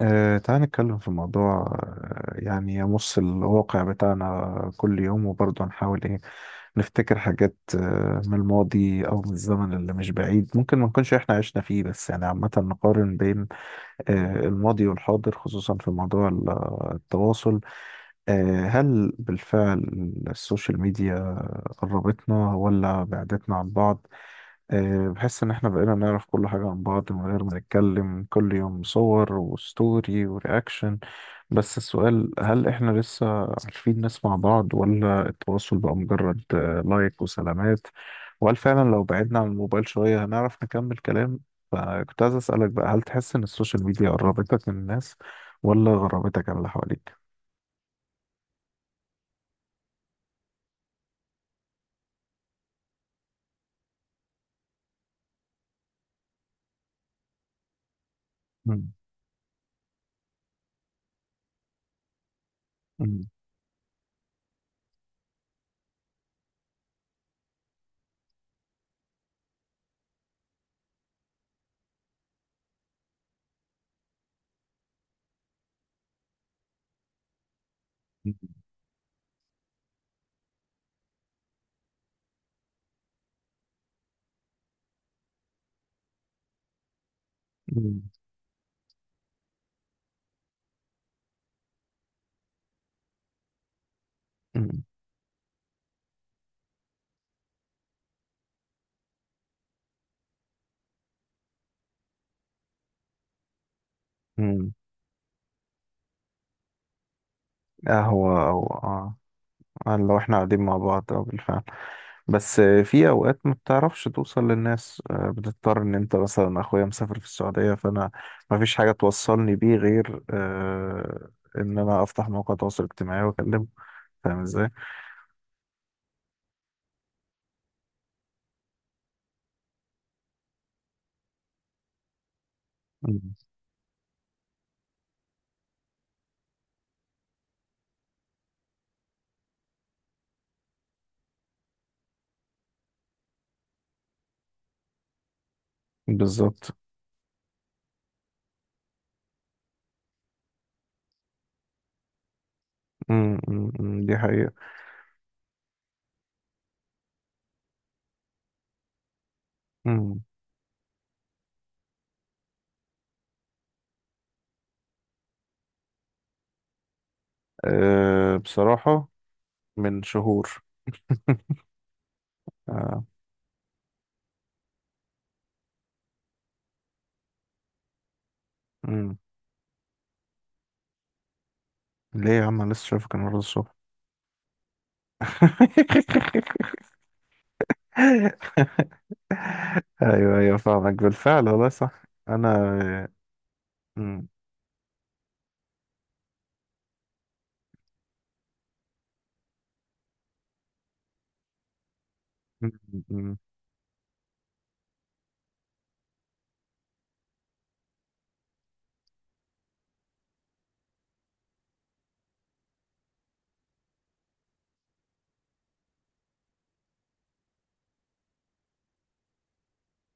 تعال نتكلم في موضوع يعني يمس الواقع بتاعنا كل يوم وبرضه نحاول ايه نفتكر حاجات من الماضي او من الزمن اللي مش بعيد ممكن ما نكونش احنا عشنا فيه، بس يعني عامة نقارن بين الماضي والحاضر، خصوصا في موضوع التواصل. هل بالفعل السوشيال ميديا قربتنا ولا بعدتنا عن بعض؟ بحس ان احنا بقينا نعرف كل حاجة عن بعض من غير ما نتكلم كل يوم، صور وستوري ورياكشن. بس السؤال، هل احنا لسه عارفين نسمع بعض، ولا التواصل بقى مجرد لايك وسلامات؟ وهل فعلا لو بعدنا عن الموبايل شوية هنعرف نكمل كلام؟ فكنت عايز اسألك بقى، هل تحس ان السوشيال ميديا قربتك من الناس ولا غربتك عن اللي حواليك؟ مم. مم. مم. مم. اه، هو، اه. لو احنا قاعدين مع بعض، اه، بالفعل. بس في اوقات ما بتعرفش توصل للناس، بتضطر. ان انت مثلا اخويا مسافر في السعودية، فانا ما فيش حاجة توصلني بيه غير ان انا افتح موقع تواصل اجتماعي واكلمه. فاهم ازاي؟ مم. بالظبط. مم. مم. مم. دي حقيقة. مم. أه، بصراحة من شهور. آه. مم. ليه يا عم، أنا لسه شايفك النهارده الصبح. ايوه ايوه، فاهمك، بالفعل والله صح. انا. مم. مم. مم.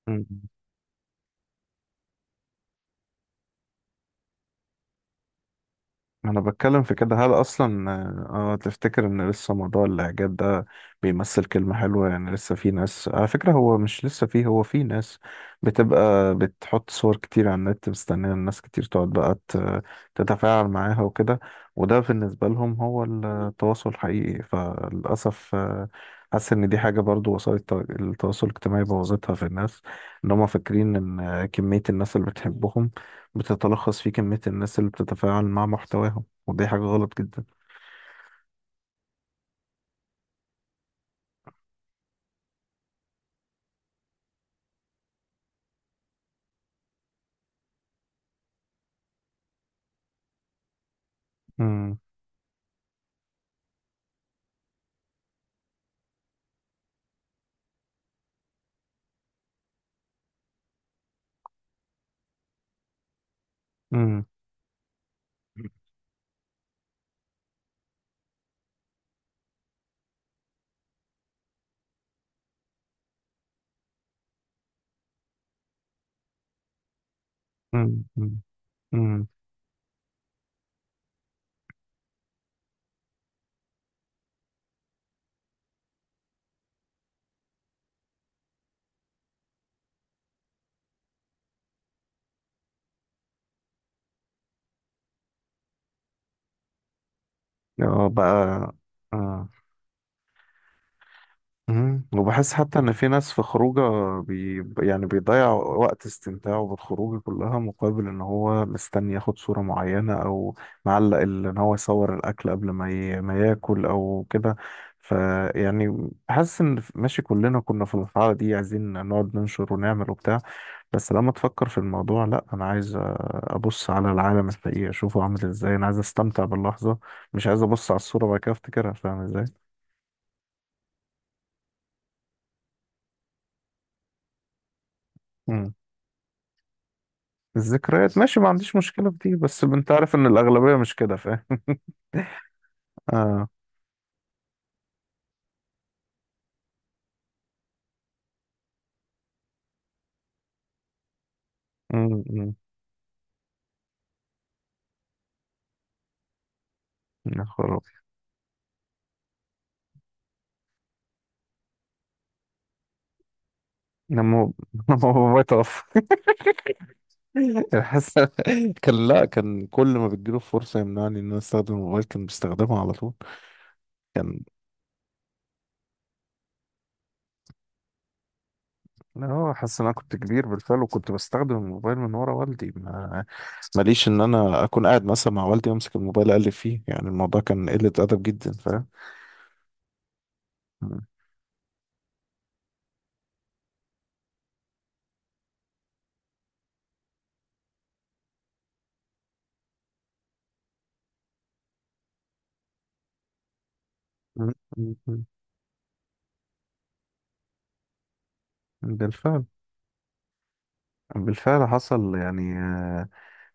مم. انا بتكلم في كده. هل اصلا، اه، تفتكر ان لسه موضوع الاعجاب ده بيمثل كلمة حلوة؟ يعني لسه في ناس، على فكرة، هو مش لسه فيه، هو في ناس بتبقى بتحط صور كتير على النت مستنية الناس كتير تقعد بقى تتفاعل معاها وكده. وده بالنسبة لهم هو التواصل الحقيقي. فللأسف حاسس ان دي حاجة، برضو وسائل التواصل الاجتماعي بوظتها في الناس. ان هم فاكرين ان كمية الناس اللي بتحبهم بتتلخص في كمية الناس اللي بتتفاعل مع محتواهم، ودي حاجة غلط جدا. مم. مم. مم. مم. مم. اه بقى. آه. مم. وبحس حتى إن في ناس في خروجه يعني بيضيع وقت استمتاعه بالخروج كلها، مقابل إن هو مستني ياخد صورة معينة، أو معلق إن هو يصور الأكل قبل ما ما ياكل أو كده. فيعني حاسس إن، ماشي، كلنا كنا في الحالة دي، عايزين نقعد ننشر ونعمل وبتاع. بس لما تفكر في الموضوع، لا، انا عايز ابص على العالم الحقيقي اشوفه عامل ازاي. انا عايز استمتع باللحظه، مش عايز ابص على الصوره وبعد كده افتكرها. فاهم ازاي؟ مم. الذكريات ماشي، ما عنديش مشكله في دي، بس انت عارف ان الاغلبيه مش كده، فاهم. اه. مم، مم. يا خرابي. لما لما بابايا توفى. الحس كان، لا كان، كل ما بتجيله فرصه يمنعني ان انا استخدم الموبايل، كان بيستخدمه على طول. كان، لا، هو حاسس ان انا كنت كبير بالفعل، وكنت بستخدم الموبايل من ورا والدي. ما ماليش ان انا اكون قاعد مثلا مع والدي امسك الموبايل اقلب فيه. يعني الموضوع كان قلة ادب جدا، فاهم. م- م- م- م. بالفعل. بالفعل حصل. يعني آه،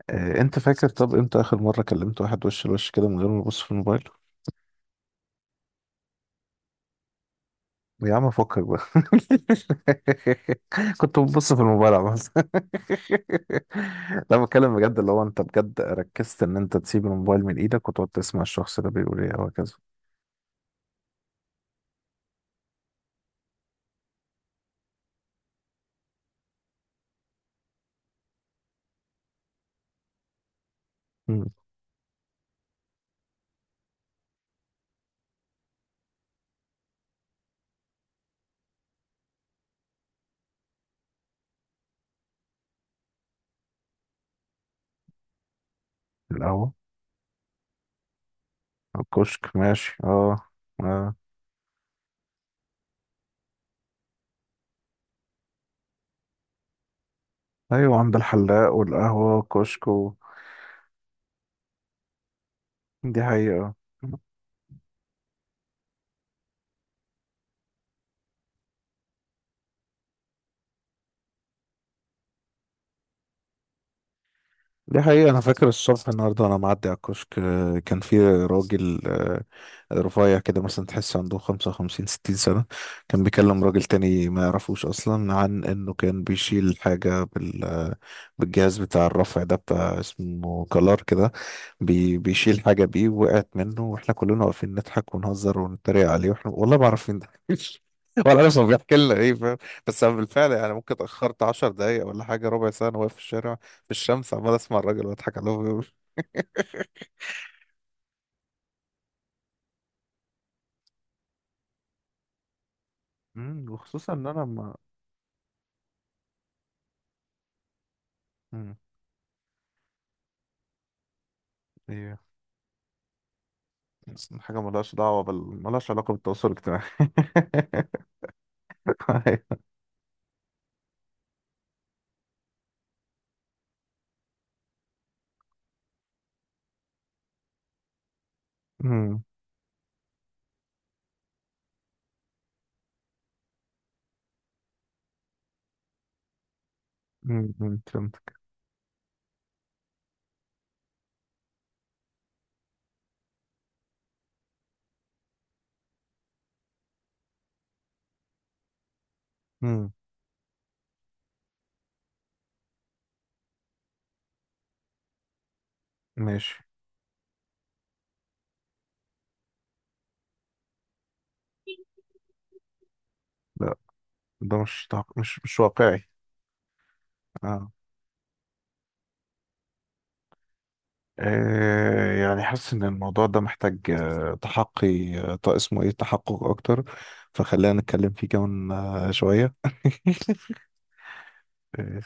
آه، انت فاكر، طب امتى اخر مرة كلمت واحد وش لوش كده من غير ما ابص في الموبايل؟ يا عم فكك بقى. كنت ببص في الموبايل بس. لا بتكلم بجد، اللي هو انت بجد ركزت ان انت تسيب الموبايل من ايدك، وتقعد تسمع الشخص ده بيقول ايه وهكذا. مم. القهوة. الكشك ماشي، اه. اه. ايوه، عند الحلاق والقهوة والكشك و... دي حقيقة. دي حقيقة. أنا فاكر الصبح النهاردة وأنا معدي على الكشك، كان في راجل رفيع كده، مثلا تحس عنده 55 60 سنة. كان بيكلم راجل تاني ما يعرفوش أصلا، عن إنه كان بيشيل حاجة بالجهاز بتاع الرفع ده، بتاع اسمه كلار كده. بيشيل حاجة بيه وقعت منه، وإحنا كلنا واقفين نضحك ونهزر ونتريق عليه، وإحنا والله ما عارفين ده ولا عارف هو بيحكي لنا إيه، فاهم. بس أنا بالفعل يعني، ممكن اتأخرت 10 دقايق ولا حاجة، ربع ساعة أنا واقف في الشارع في الشمس، عمال أسمع الراجل وأضحك عليه، وهو بيقول- مم، وخصوصا إن أنا ما. مم، إيه، حاجة ملهاش دعوة ملهاش علاقة بالتواصل الاجتماعي. أمم، أمم، أمم، فهمت. أمم، ماشي. لا، ده مش مش واقعي. اه، يعني حاسس ان الموضوع ده محتاج، اسمه ايه، تحقق اكتر. فخلينا نتكلم فيه كمان شوية. آه،